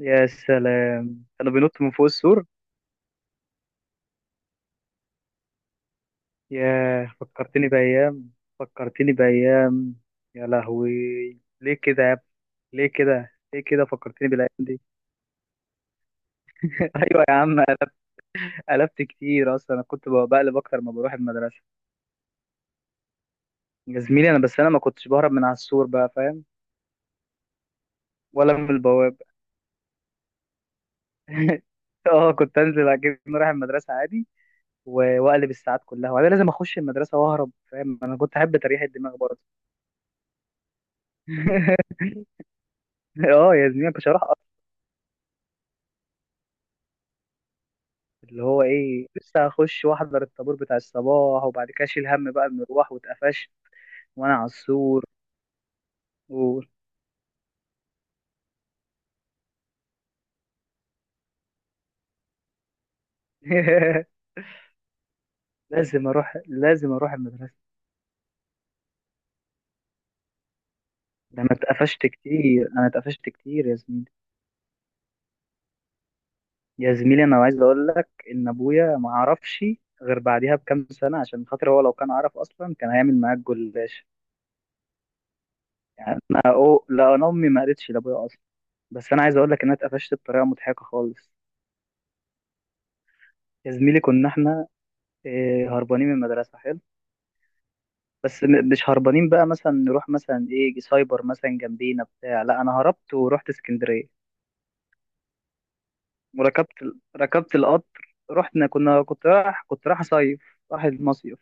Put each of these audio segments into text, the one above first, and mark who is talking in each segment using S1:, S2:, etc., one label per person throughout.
S1: يا سلام، كانوا بينطوا من فوق السور. يا فكرتني بأيام فكرتني بأيام يا لهوي، ليه كده يا ابني؟ ليه كده ليه كده فكرتني بالأيام دي؟ أيوة يا عم، قلبت كتير أصلا. أنا كنت بقلب أكتر ما بروح المدرسة. يا زميلي أنا بس أنا ما كنتش بهرب من على السور بقى، فاهم؟ ولا من البواب. اه كنت انزل اجيب رايح المدرسه عادي واقلب الساعات كلها، وبعدين لازم اخش المدرسه واهرب، فاهم؟ انا كنت احب تريح الدماغ برضه. اه يا زميلي، مش هروح. اللي هو ايه لسه هخش واحضر الطابور بتاع الصباح، وبعد كده اشيل هم بقى المروح واتقفش وانا على السور و... لازم اروح لازم اروح المدرسه. ده انا اتقفشت كتير، انا اتقفشت كتير يا زميلي. يا زميلي انا عايز اقول لك ان ابويا ما عرفش غير بعديها بكام سنه، عشان خاطر هو لو كان عرف اصلا كان هيعمل معاك جلاش. يعني لا انا امي ما قالتش لابويا اصلا، بس انا عايز اقول لك ان انا اتقفشت بطريقه مضحكه خالص. يا زميلي كنا احنا هربانين من المدرسه، بس مش هربانين بقى مثلا نروح مثلا ايه سايبر مثلا جنبينا بتاع، لا انا هربت ورحت اسكندريه. وركبت ركبت القطر، رحنا، كنت رايح اصيف، رايح المصيف.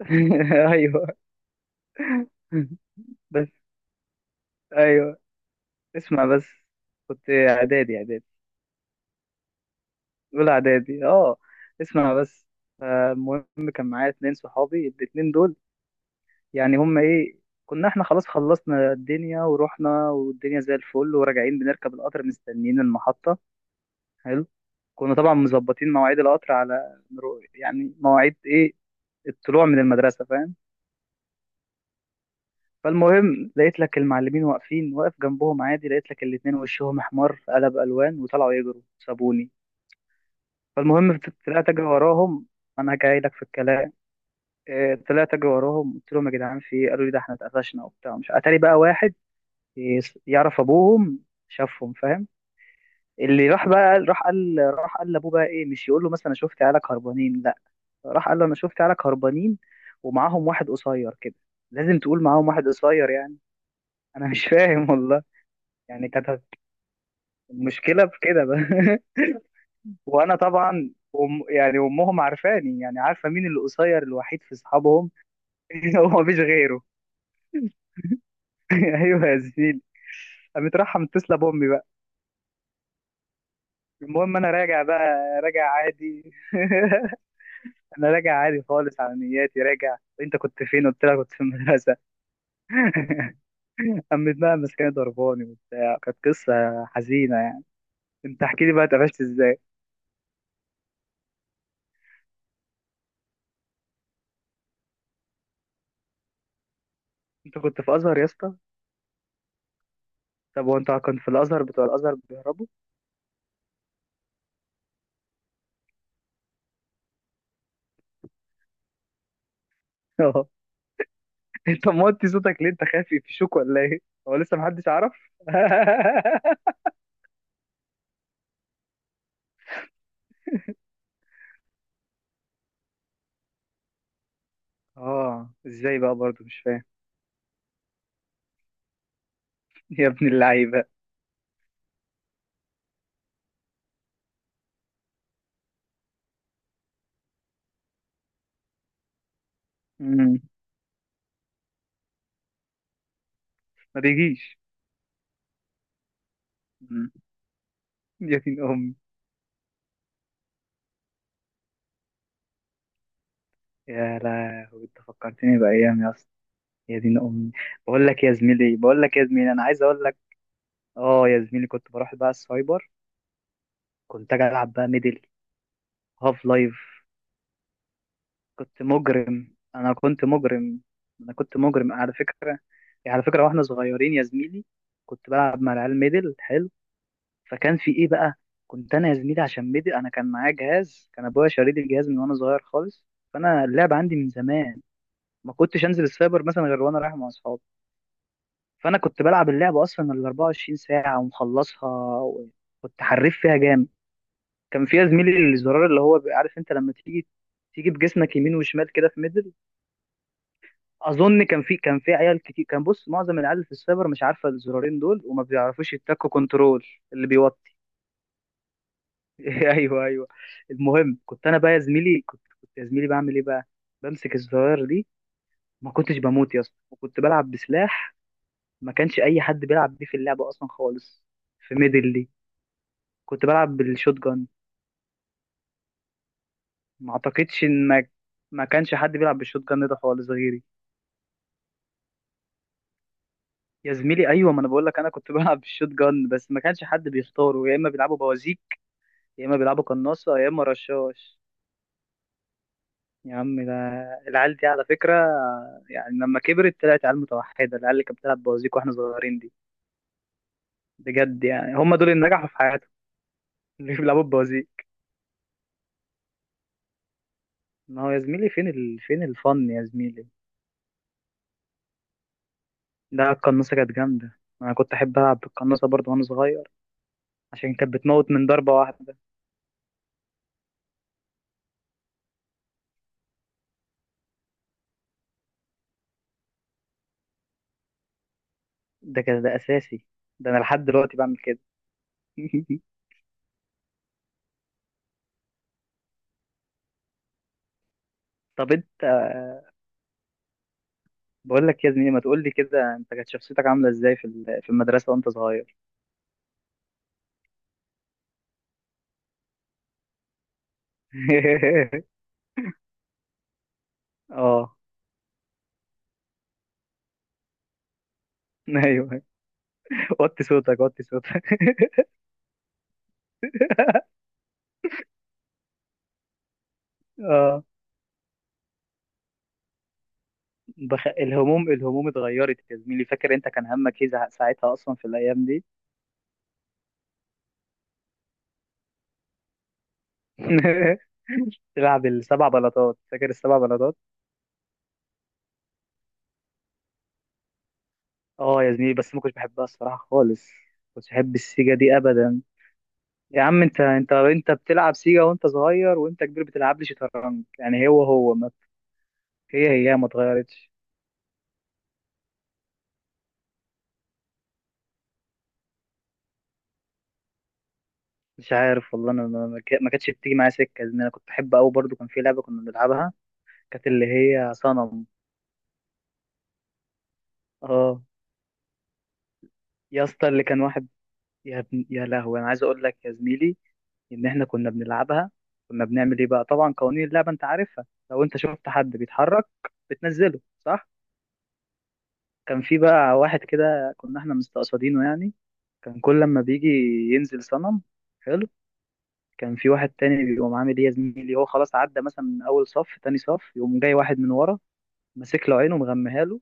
S1: ايوه، بس ايوه اسمع بس. كنت اعدادي، اولى اعدادي اه. اسمع بس، المهم كان معايا اتنين صحابي، الاتنين دول يعني هما ايه، كنا احنا خلاص خلصنا الدنيا ورحنا، والدنيا زي الفل، وراجعين بنركب القطر مستنيين المحطة. حلو. كنا طبعا مظبطين مواعيد القطر على يعني مواعيد ايه، الطلوع من المدرسه، فاهم؟ فالمهم لقيت لك المعلمين واقفين، واقف جنبهم عادي، لقيت لك الاتنين وشهم احمر قلب الوان وطلعوا يجروا سابوني. فالمهم طلعت اجري وراهم. انا جاي لك في الكلام. طلعت اجري وراهم، قلت لهم يا جدعان في إيه؟ قالوا لي ده احنا اتقفشنا وبتاع. مش اتاري بقى واحد يعرف ابوهم شافهم، فاهم؟ اللي راح بقى، راح قال لابوه بقى ايه، مش يقول له مثلا شفت عيالك هربانين، لا، راح قال له انا شفت عيالك هربانين ومعاهم واحد قصير كده. لازم تقول معاهم واحد قصير يعني. انا مش فاهم والله، يعني كانت المشكله في كده بقى. وانا طبعا يعني امهم عارفاني، يعني عارفه مين اللي قصير الوحيد في اصحابهم. هو مفيش غيره. ايوه يا زميلي. قامت رايحه متصله بامي بقى. المهم انا راجع بقى، راجع عادي. انا راجع عادي خالص على نياتي، راجع. انت كنت فين؟ قلت لها كنت في المدرسه. قام متنقمص، كان ضرباني وبتاع، كانت قصة حزينة يعني. انت احكي لي بقى اتقفشت ازاي. انت كنت في ازهر يا اسطى؟ طب هو انت كنت في الازهر، بتوع الازهر بيهربوا؟ اه، انت موطي صوتك ليه؟ انت خايف يفشوك ولا ايه؟ هو لسه محدش عرف؟ اه، ازاي بقى؟ برضه مش فاهم. يا ابن اللعيبة. مم. ما بيجيش. مم. يا دين امي. يا لهوي، انت فكرتني بايام يا اسطى. يا دين امي. بقول لك يا زميلي، بقول لك يا زميلي، انا عايز اقول لك. اه يا زميلي، كنت بروح بقى السايبر، كنت اجي العب بقى ميدل، هاف لايف. كنت مجرم، انا كنت مجرم. انا كنت مجرم على فكره. يعني على فكره، واحنا صغيرين يا زميلي، كنت بلعب مع العيال ميدل، حلو. فكان في ايه بقى، كنت انا يا زميلي عشان ميدل، انا كان معايا جهاز، كان ابويا شاري لي الجهاز من وانا صغير خالص، فانا اللعب عندي من زمان. ما كنتش انزل السايبر مثلا غير وانا رايح مع اصحابي. فانا كنت بلعب اللعبه اصلا ال 24 ساعه ومخلصها، وكنت حريف فيها جامد. كان فيها زميلي الزرار، اللي هو بيبقى عارف انت لما تيجي تيجي بجسمك يمين وشمال كده في ميدل. اظن كان في عيال كتير، كان بص معظم العيال في السايبر مش عارفه الزرارين دول، وما بيعرفوش يتكوا كنترول. اللي بيوطي. ايوه ايوه. المهم كنت انا بقى يا زميلي، كنت يا زميلي بعمل ايه بقى، بمسك الزرار دي، ما كنتش بموت يا اسطى، وكنت بلعب بسلاح ما كانش اي حد بيلعب بيه في اللعبه اصلا خالص. في ميدل دي كنت بلعب بالشوت جان. ما اعتقدش ان ما ما كانش حد بيلعب بالشوت جان ده خالص غيري. يا زميلي ايوه، ما انا بقول لك انا كنت بلعب بالشوت جان، بس ما كانش حد بيختاره، يا اما بيلعبوا بوازيك يا اما بيلعبوا قناصه يا اما رشاش. يا عم ده العيال دي على فكره، يعني لما كبرت طلعت عيال متوحده، العيال اللي كانت بتلعب بوازيك واحنا صغيرين دي، بجد يعني هم دول اللي نجحوا في حياتهم. اللي بيلعبوا بوازيك. ما هو يا زميلي، فين الفن يا زميلي؟ ده القناصه كانت جامده، انا كنت احب العب بالقناصه برضه وانا صغير، عشان كانت بتموت من ضربه واحده. ده كده ده اساسي، ده انا لحد دلوقتي بعمل كده. طب انت، بقول لك يا زميلي، ما تقول لي كده انت كانت شخصيتك عامله ازاي في المدرسه وانت صغير؟ اه، ايوه. وطي صوتك وطي صوتك. اه. الهموم اتغيرت يا زميلي. فاكر انت كان همك ايه ساعتها اصلا في الايام دي؟ تلعب السبع بلاطات، فاكر السبع بلاطات؟ اه يا زميلي، بس ما كنتش بحبها الصراحه خالص. كنتش بحب السيجا دي ابدا. يا عم، انت بتلعب سيجا وانت صغير، وانت كبير بتلعب لي شطرنج، يعني هو هو ما هي ما اتغيرتش. مش عارف والله، انا ما كانتش بتيجي معايا سكه، لان انا كنت بحب قوي برضو، كان في لعبه كنا بنلعبها، كانت اللي هي صنم. اه يا اسطى، اللي كان واحد، يا لهوي، انا عايز اقول لك يا زميلي ان احنا كنا بنلعبها، كنا بنعمل ايه بقى. طبعا قوانين اللعبه انت عارفها، لو انت شفت حد بيتحرك بتنزله، صح؟ كان في بقى واحد كده كنا احنا مستقصدينه يعني، كان كل لما بيجي ينزل صنم، حلو. كان في واحد تاني بيقوم عامل ايه يا زميلي، هو خلاص عدى مثلا من اول صف تاني صف، يقوم جاي واحد من ورا ماسك له عينه ومغميها له،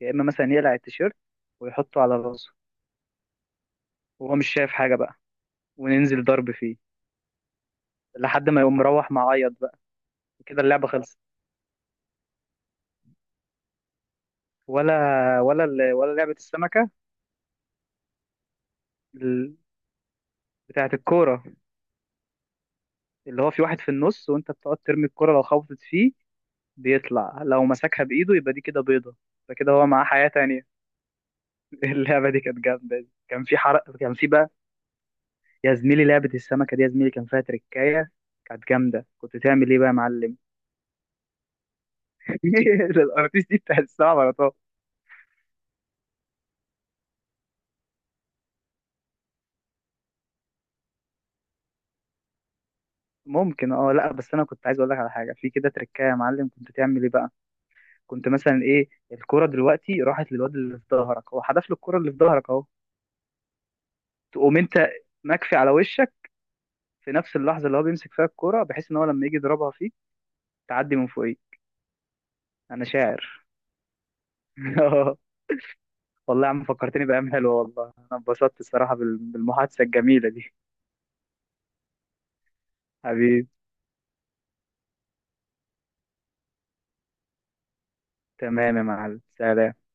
S1: يا اما مثلا يقلع التيشيرت ويحطه على راسه، وهو مش شايف حاجه بقى، وننزل ضرب فيه لحد ما يقوم مروح معيط بقى، كده اللعبه خلصت. ولا ولا لعبه السمكه، ال- بتاعه الكوره، اللي هو في واحد في النص وانت بتقعد ترمي الكوره، لو خبطت فيه بيطلع، لو مسكها بايده يبقى دي كده بيضه، فكده هو معاه حياه تانية. اللعبه دي كانت جامده دي. كان في حرق، كان في بقى، يا زميلي لعبه السمكه دي يا زميلي، كان فيها تركايه، كانت جامده. كنت تعمل ايه بقى يا معلم؟ ده الارتيس دي بتاع السبع بلاطات. ممكن، اه، لا، بس انا كنت عايز اقول لك على حاجه، في كده تركايه يا معلم، كنت تعمل ايه بقى؟ كنت مثلا ايه، الكره دلوقتي راحت للواد اللي في ظهرك، هو حدف له الكره اللي في ظهرك اهو، تقوم انت مكفي على وشك في نفس اللحظه اللي هو بيمسك فيها الكره، بحيث ان هو لما يجي يضربها فيك تعدي من فوقيه. انا شاعر. اه، والله يا عم فكرتني بايام حلوه، والله انا اتبسطت الصراحه بالمحادثه الجميله دي. حبيبي، تمام يا معلم، سلام.